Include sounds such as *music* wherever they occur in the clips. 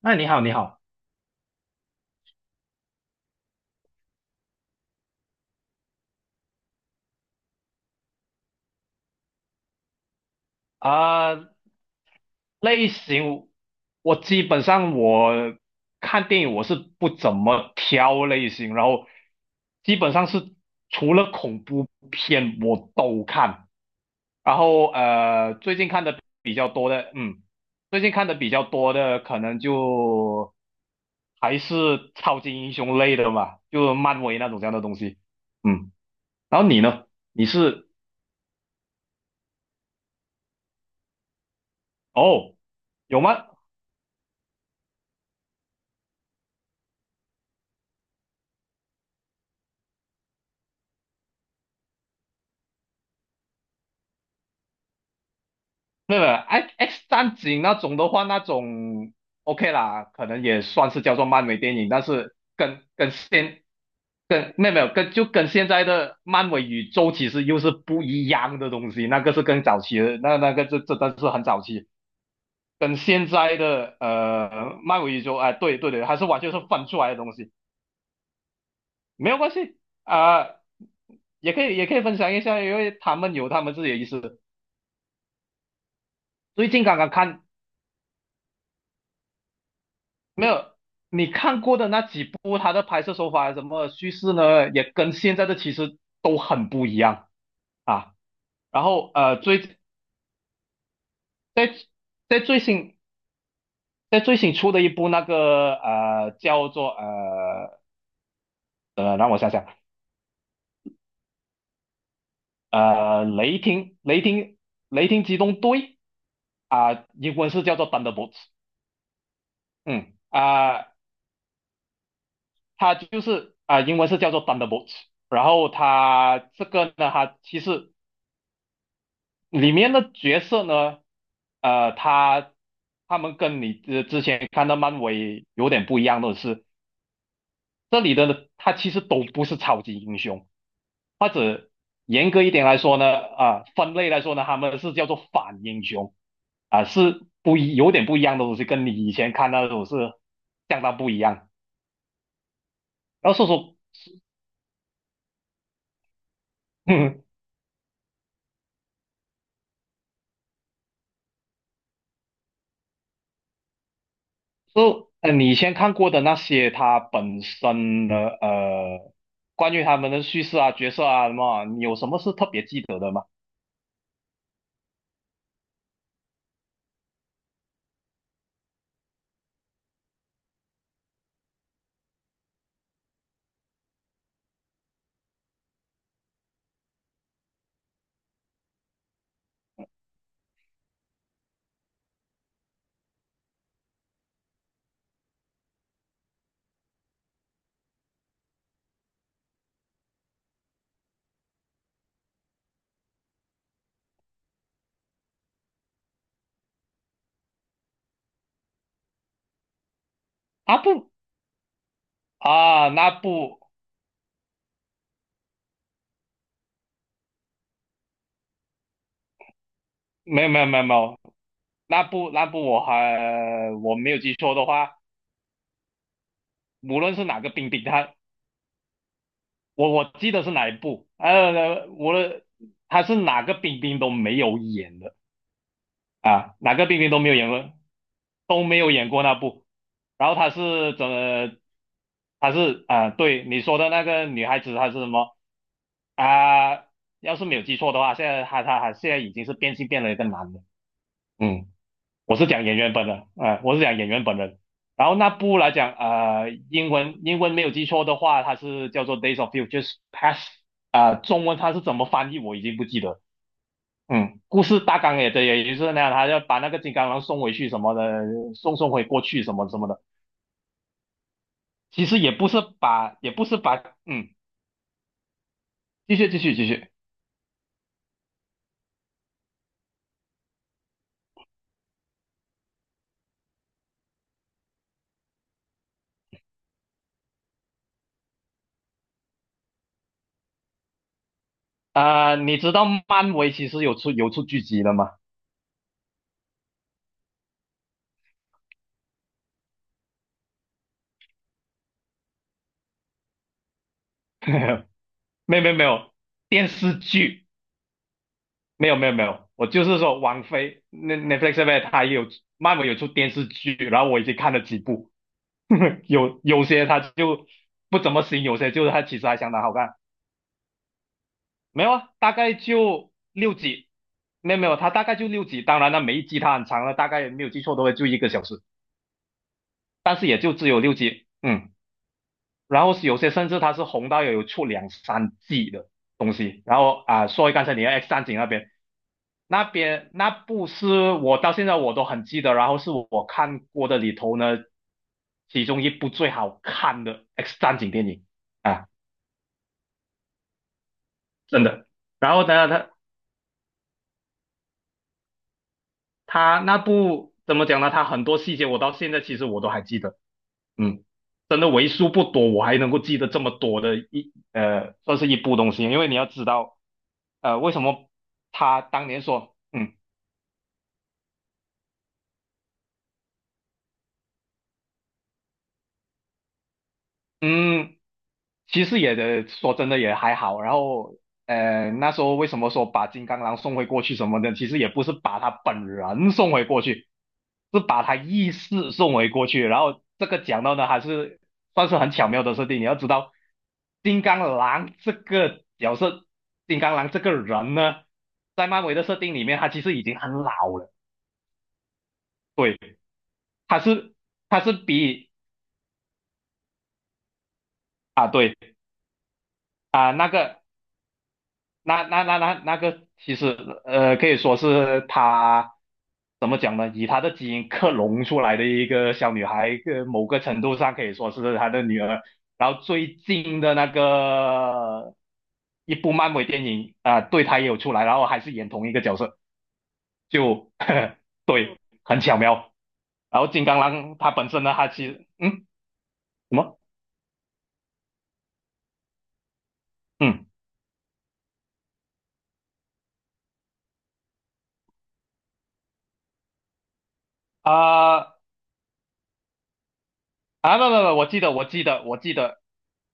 那你好，你好，啊、类型，我基本上我看电影我是不怎么挑类型，然后基本上是除了恐怖片我都看，然后最近看的比较多的，最近看的比较多的可能就还是超级英雄类的嘛，就漫威那种这样的东西，嗯，然后你呢？你是？哦，有吗？没有没有，X X 战警那种的话，那种 OK 啦，可能也算是叫做漫威电影，但是跟跟现跟没有没有跟就跟现在的漫威宇宙其实又是不一样的东西，那个是更早期的，这真的是很早期，跟现在的漫威宇宙，对对对，还是完全是分出来的东西。没有关系。啊、也可以分享一下，因为他们有他们自己的意思。最近刚刚看，没有，你看过的那几部，它的拍摄手法什么叙事呢，也跟现在的其实都很不一样啊。然后，最在在最新在最新出的一部那个叫做，让我想想，呃，雷霆雷霆雷霆机动队。啊、英文是叫做 Thunderbolts，嗯啊、它就是英文是叫做 Thunderbolts。然后它这个呢，它其实里面的角色呢，呃，他他们跟你之前看到漫威有点不一样的是，这里的呢他其实都不是超级英雄，或者严格一点来说呢，分类来说呢，他们是叫做反英雄。是不一有点不一样的东西，跟你以前看到的都是相当不一样。然后说说，*laughs* 就，你先看过的那些，它本身的关于他们的叙事啊、角色啊什么啊，你有什么是特别记得的吗？啊不啊，那部，没有没有没有没有，那部。我还，我没有记错的话，无论是哪个冰冰，他我记得是哪一部，无论他是哪个冰冰都没有演的。啊，哪个冰冰都没有演过，都没有演过那部。然后他是怎么？他是对你说的那个女孩子，她是什么。啊、要是没有记错的话，现在她她现在已经是变性变了一个男的。嗯，我是讲演员本人，我是讲演员本人。然后那部来讲，英文没有记错的话，它是叫做《Days of Future Past》。中文它是怎么翻译我已经不记得。嗯，故事大纲也对，也就是那样，他要把那个金刚狼送回去什么的，送回过去什么什么的。其实也不是把，嗯，继续。你知道漫威其实有出剧集的吗？*laughs* 没有，电视剧，没有，我就是说王菲那 Netflix 上面它也有漫威有出电视剧，然后我已经看了几部，有些它就不怎么行，有些就是它其实还相当好看。没有啊，大概就六集，没有没有，它大概就六集。当然了，每一集它很长了，大概没有记错的话就一个小时，但是也就只有六集。嗯。然后是有些甚至它是红到有出两三季的东西。然后啊，说回刚才你的 X 战警那边，那边那部是我到现在我都很记得，然后是我看过的里头呢，其中一部最好看的 X 战警电影啊，真的。然后呢，他那部怎么讲呢？他很多细节我到现在其实我都还记得。嗯，真的为数不多，我还能够记得这么多的，算是一部东西。因为你要知道，为什么他当年说，嗯嗯。其实也的，说真的也还好。然后，那时候为什么说把金刚狼送回过去什么的，其实也不是把他本人送回过去，是把他意识送回过去。然后这个讲到呢，还是算是很巧妙的设定。你要知道，金刚狼这个角色，金刚狼这个人呢，在漫威的设定里面，他其实已经很老了。对，他是他是比，啊对那个。那个其实可以说是她。怎么讲呢？以她的基因克隆出来的一个小女孩，某个程度上可以说是她的女儿。然后最近的那个一部漫威电影，对，她也有出来，然后还是演同一个角色，就 *laughs* 对，很巧妙。然后金刚狼它本身呢，它其实，嗯什么嗯啊。啊，不不不，我记得，我记得，我记得，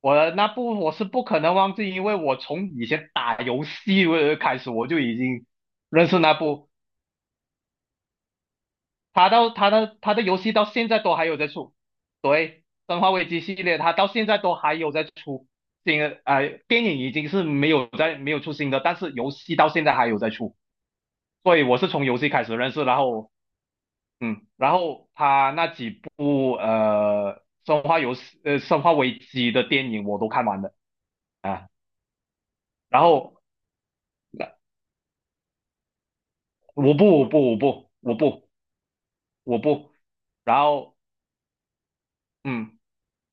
我的那部我是不可能忘记，因为我从以前打游戏开始，我就已经认识那部。他到他的游戏到现在都还有在出，对，《生化危机》系列，他到现在都还有在出新的。电影已经是没有出新的，但是游戏到现在还有在出，所以我是从游戏开始认识，然后嗯，然后他那几部《生化游戏》《生化危机》的电影我都看完了。啊，然后我不我不我不我不我不，然后嗯，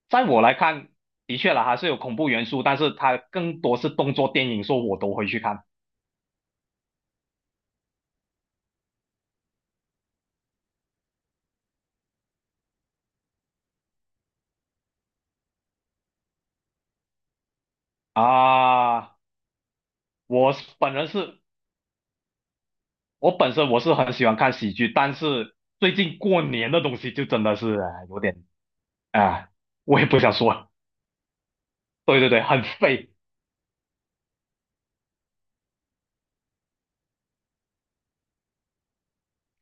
在我来看，的确啦，还是有恐怖元素，但是它更多是动作电影，说我都会去看啊。我是本人是，我本身我是很喜欢看喜剧，但是最近过年的东西就真的是啊有点。啊，我也不想说，对对对，很废。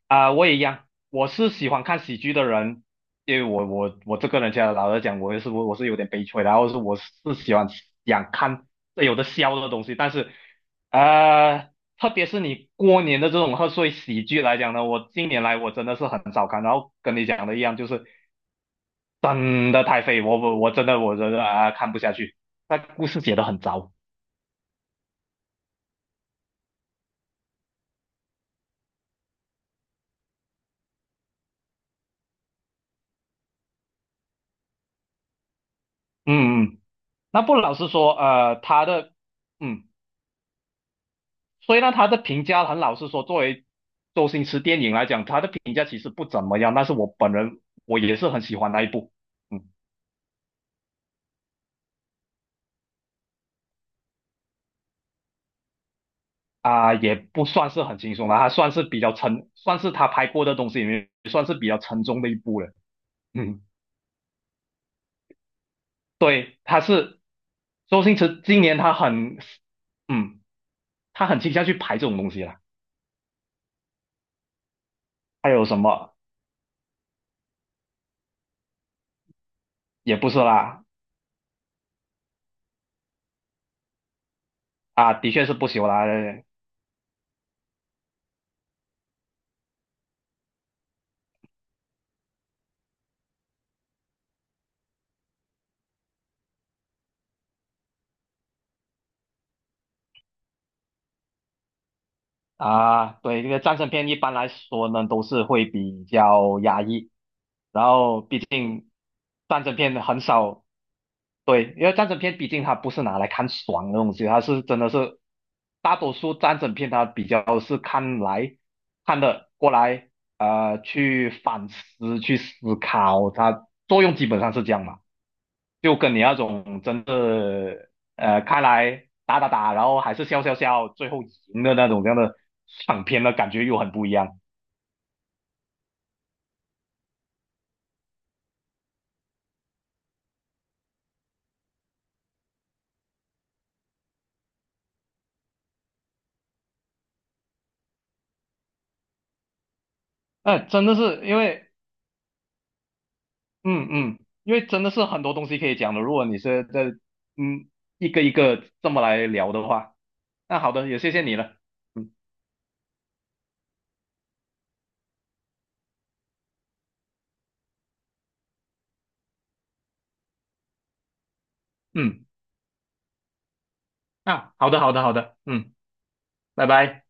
我也一样，我是喜欢看喜剧的人，因为我这个人，家老实讲，我也是我是有点悲催的，然后是我是喜欢想看有的笑的东西，但是呃，特别是你过年的这种贺岁喜剧来讲呢，我近年来我真的是很少看，然后跟你讲的一样，就是真的太废。我真的我真的看不下去，那故事写的很糟。嗯嗯，嗯那不老实说，他的。嗯。所以呢，他的评价很老实说，作为周星驰电影来讲，他的评价其实不怎么样。但是我本人我也是很喜欢那一部。嗯。啊，也不算是很轻松的，他算是比较沉，算是他拍过的东西里面算是比较沉重的一部了。嗯，对，周星驰今年他很，嗯，他很倾向去拍这种东西了。还有什么？也不是啦，啊，的确是不朽啦。啊，对，这个战争片一般来说呢，都是会比较压抑，然后毕竟战争片很少，对，因为战争片毕竟它不是拿来看爽的东西，它是真的是大多数战争片它比较是看的过来，去反思去思考，它作用基本上是这样嘛。就跟你那种真的开来打打打，然后还是笑笑笑，最后赢的那种这样的爽片的感觉又很不一样。真的是因为嗯嗯，因为真的是很多东西可以讲的。如果你是在嗯一个这么来聊的话，那好的，也谢谢你了。嗯嗯，啊，好的好的好的，嗯，拜拜。